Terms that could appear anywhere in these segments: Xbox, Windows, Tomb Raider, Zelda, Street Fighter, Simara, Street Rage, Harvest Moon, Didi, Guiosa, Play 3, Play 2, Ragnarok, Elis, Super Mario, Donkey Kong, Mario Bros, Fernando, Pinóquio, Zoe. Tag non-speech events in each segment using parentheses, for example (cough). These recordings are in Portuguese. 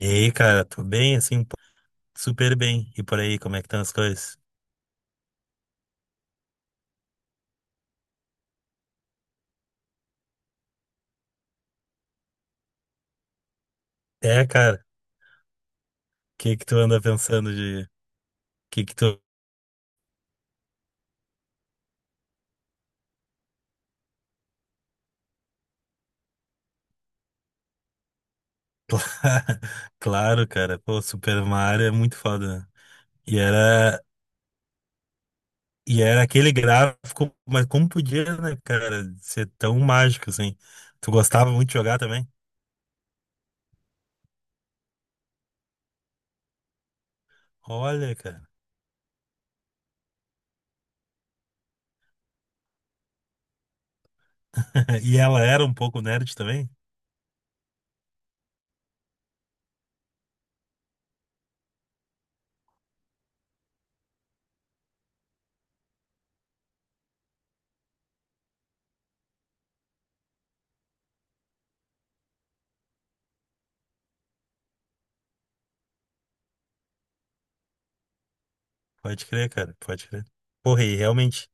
E aí, cara, tô bem, assim, pô, super bem. E por aí, como é que estão as coisas? É, cara, o que que tu anda pensando de. O que que tu. (laughs) Claro, cara, pô, Super Mario é muito foda, né? E era... E era aquele gráfico, mas como podia, né, cara, ser tão mágico, assim. Tu gostava muito de jogar também? Olha, cara. (laughs) E ela era um pouco nerd também? Pode crer, cara, pode crer. Porra, e realmente,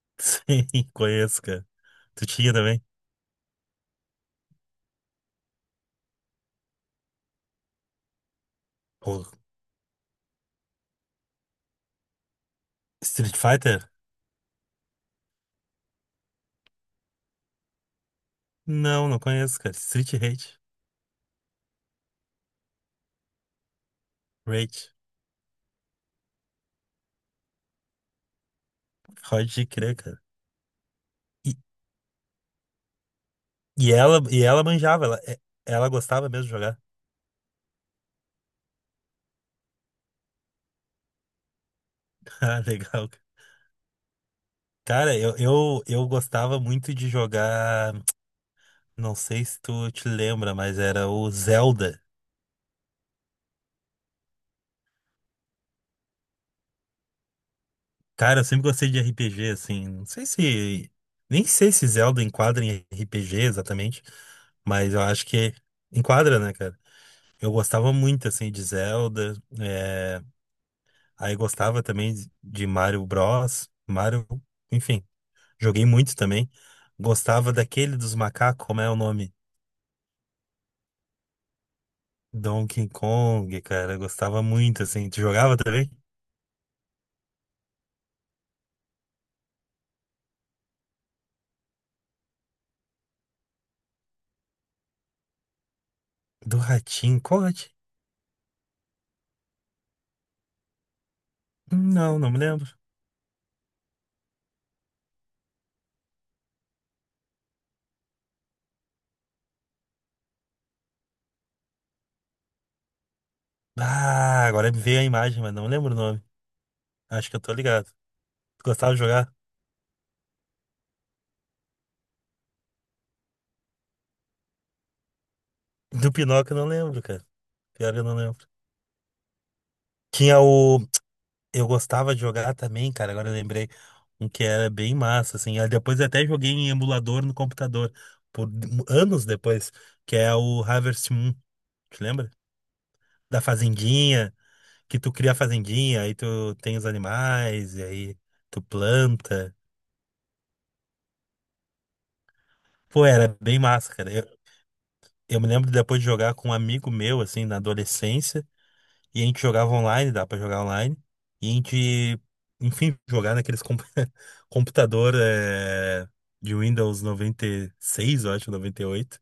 (laughs) sim, conheço, cara. Tu tinha também? Pô, Street Fighter? Não, não conheço, cara. Street Rage. Rage. Pode crer, cara. E, e ela manjava, ela gostava mesmo de jogar. (laughs) Ah, legal, cara. Cara, eu gostava muito de jogar. Não sei se tu te lembra, mas era o Zelda. Cara, eu sempre gostei de RPG, assim. Não sei se. Nem sei se Zelda enquadra em RPG exatamente, mas eu acho que enquadra, né, cara? Eu gostava muito, assim, de Zelda. é, Aí gostava também de Mario Bros, Mario, enfim, joguei muito também. Gostava daquele dos macacos, como é o nome? Donkey Kong, cara, gostava muito assim. Tu jogava também? Do ratinho, qual ratinho? Não, não me lembro. Ah, agora me veio a imagem, mas não lembro o nome. Acho que eu tô ligado. Tu gostava de jogar? Do Pinóquio, eu não lembro, cara. Pior que eu não lembro. Tinha o Eu gostava de jogar também, cara. Agora eu lembrei um que era bem massa, assim. Aí depois eu até joguei em emulador no computador, por anos depois, que é o Harvest Moon, te lembra? Da fazendinha, que tu cria a fazendinha, aí tu tem os animais, e aí tu planta. Pô, era bem massa, cara. Eu me lembro depois de jogar com um amigo meu, assim, na adolescência. E a gente jogava online, dá pra jogar online. E a gente, enfim, (laughs) jogar naqueles (laughs) computador de Windows 96 eu acho, 98.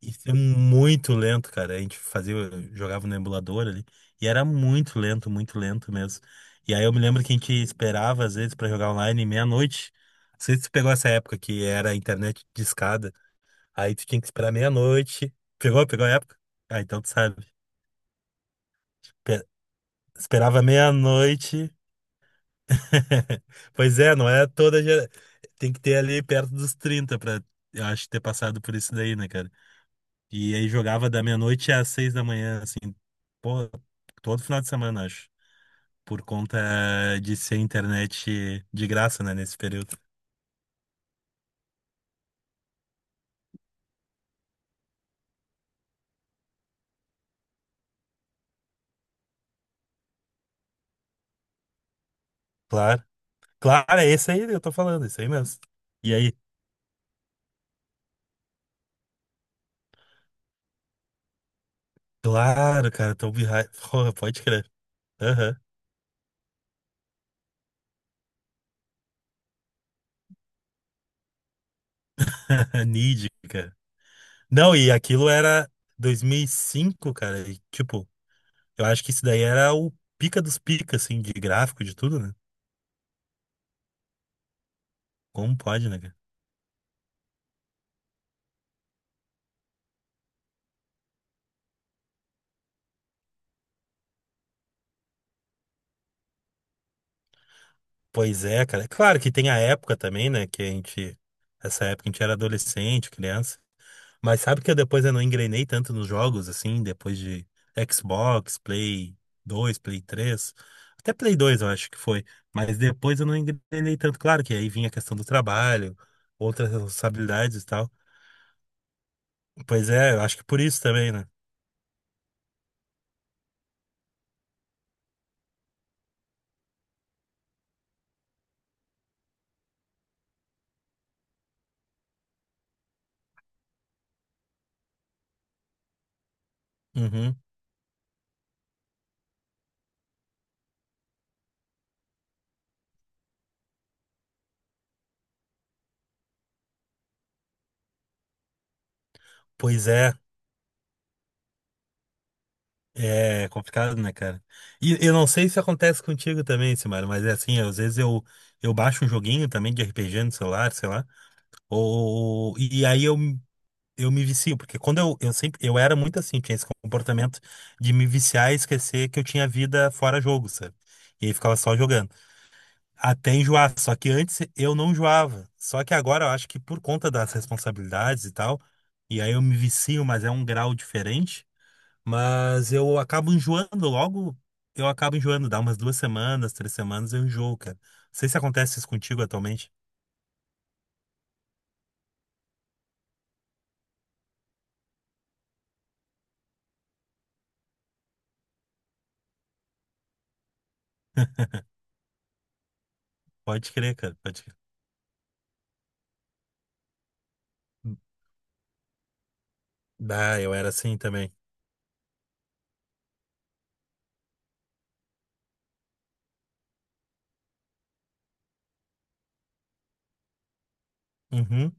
Isso é muito lento, cara. A gente fazia, jogava no emulador ali. E era muito lento mesmo. E aí eu me lembro que a gente esperava, às vezes, pra jogar online meia-noite. Não sei se tu pegou essa época que era a internet discada. Aí tu tinha que esperar meia-noite. Pegou? Pegou a época? Ah, então tu sabe. Pe- Esperava meia-noite. (laughs) Pois é, não é toda. Tem que ter ali perto dos 30 pra, eu acho, ter passado por isso daí, né, cara? E aí jogava da meia-noite às 6 da manhã, assim, pô, todo final de semana, acho. Por conta de ser internet de graça, né, nesse período. Claro. Claro, é esse aí que eu tô falando, esse aí mesmo. E aí, claro, cara, Tomb Raider. (laughs) Porra, pode crer. Aham. (laughs) Nid, cara. Não, e aquilo era 2005, cara. E, tipo, eu acho que isso daí era o pica dos picas, assim, de gráfico, de tudo, né? Como pode, né, cara? Pois é, cara. Claro que tem a época também, né? Que a gente. Essa época a gente era adolescente, criança. Mas sabe que eu depois eu não engrenei tanto nos jogos, assim, depois de Xbox, Play 2, Play 3. Até Play 2, eu acho que foi. Mas depois eu não engrenei tanto. Claro que aí vinha a questão do trabalho, outras responsabilidades e tal. Pois é, eu acho que por isso também, né? Uhum. Pois é. É complicado, né, cara? E eu não sei se acontece contigo também, Simara, mas é assim, às vezes eu baixo um joguinho também de RPG no celular, sei lá, ou, e aí eu me vicio, porque quando eu sempre, eu era muito assim, tinha esse comportamento de me viciar e esquecer que eu tinha vida fora jogo, sabe? E aí ficava só jogando. Até enjoar, só que antes eu não enjoava. Só que agora eu acho que por conta das responsabilidades e tal, e aí eu me vicio, mas é um grau diferente. Mas eu acabo enjoando logo. Eu acabo enjoando, dá umas 2 semanas, 3 semanas, eu enjoo, cara. Não sei se acontece isso contigo atualmente. Pode crer, cara, pode crer. Bah, eu era assim também. Uhum.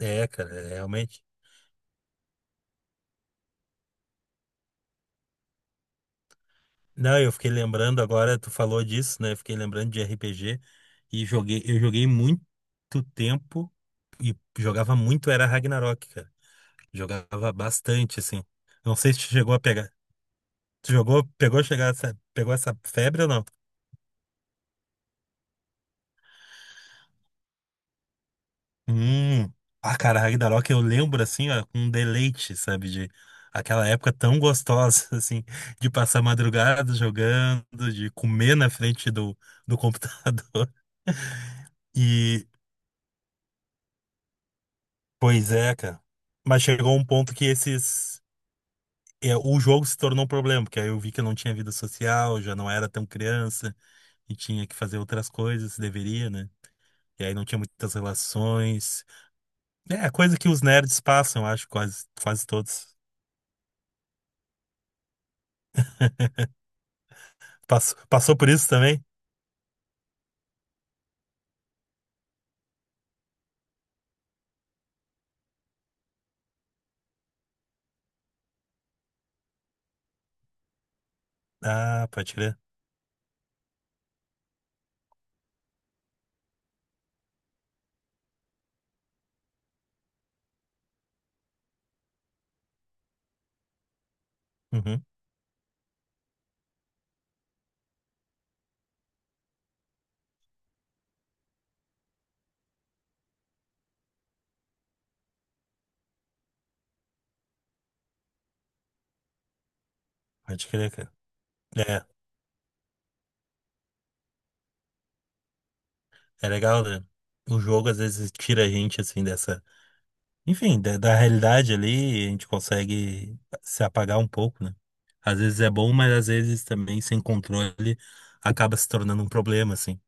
É, cara, é, realmente. Não, eu fiquei lembrando agora, tu falou disso, né? Eu fiquei lembrando de RPG e eu joguei muito tempo e jogava muito, era Ragnarok, cara. Jogava bastante, assim. Não sei se tu chegou a pegar. Tu jogou, pegou, chegar, pegou essa febre ou não? Hum. Ah, cara, Ragnarok eu lembro assim, ó, com deleite, sabe? De aquela época tão gostosa, (laughs) assim, de passar madrugada jogando, de comer na frente do computador. (laughs) E, pois é, cara. Mas chegou um ponto que esses. É, o jogo se tornou um problema, porque aí eu vi que eu não tinha vida social, já não era tão criança e tinha que fazer outras coisas, deveria, né? E aí não tinha muitas relações. É, coisa que os nerds passam, acho, quase, quase todos. Passou, passou por isso também? Ah, pode crer. Uhum, pode crer, cara. É, é legal, né? O jogo às vezes tira a gente, assim, dessa. Enfim, da realidade ali, a gente consegue se apagar um pouco, né? Às vezes é bom, mas às vezes também, sem controle, acaba se tornando um problema, assim.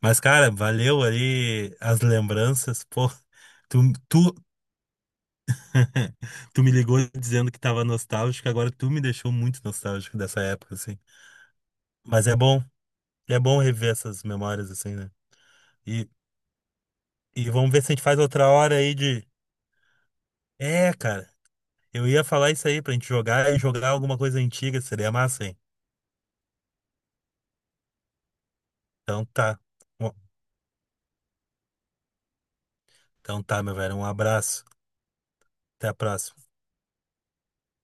Mas, cara, valeu aí as lembranças, pô. Tu, tu, (laughs) tu me ligou dizendo que tava nostálgico, agora tu me deixou muito nostálgico dessa época, assim. Mas é bom. É bom rever essas memórias assim, né? E, e vamos ver se a gente faz outra hora aí de. É, cara, eu ia falar isso aí pra gente jogar e jogar alguma coisa antiga, seria massa, hein? Então tá. Bom, então tá, meu velho, um abraço. Até a próxima.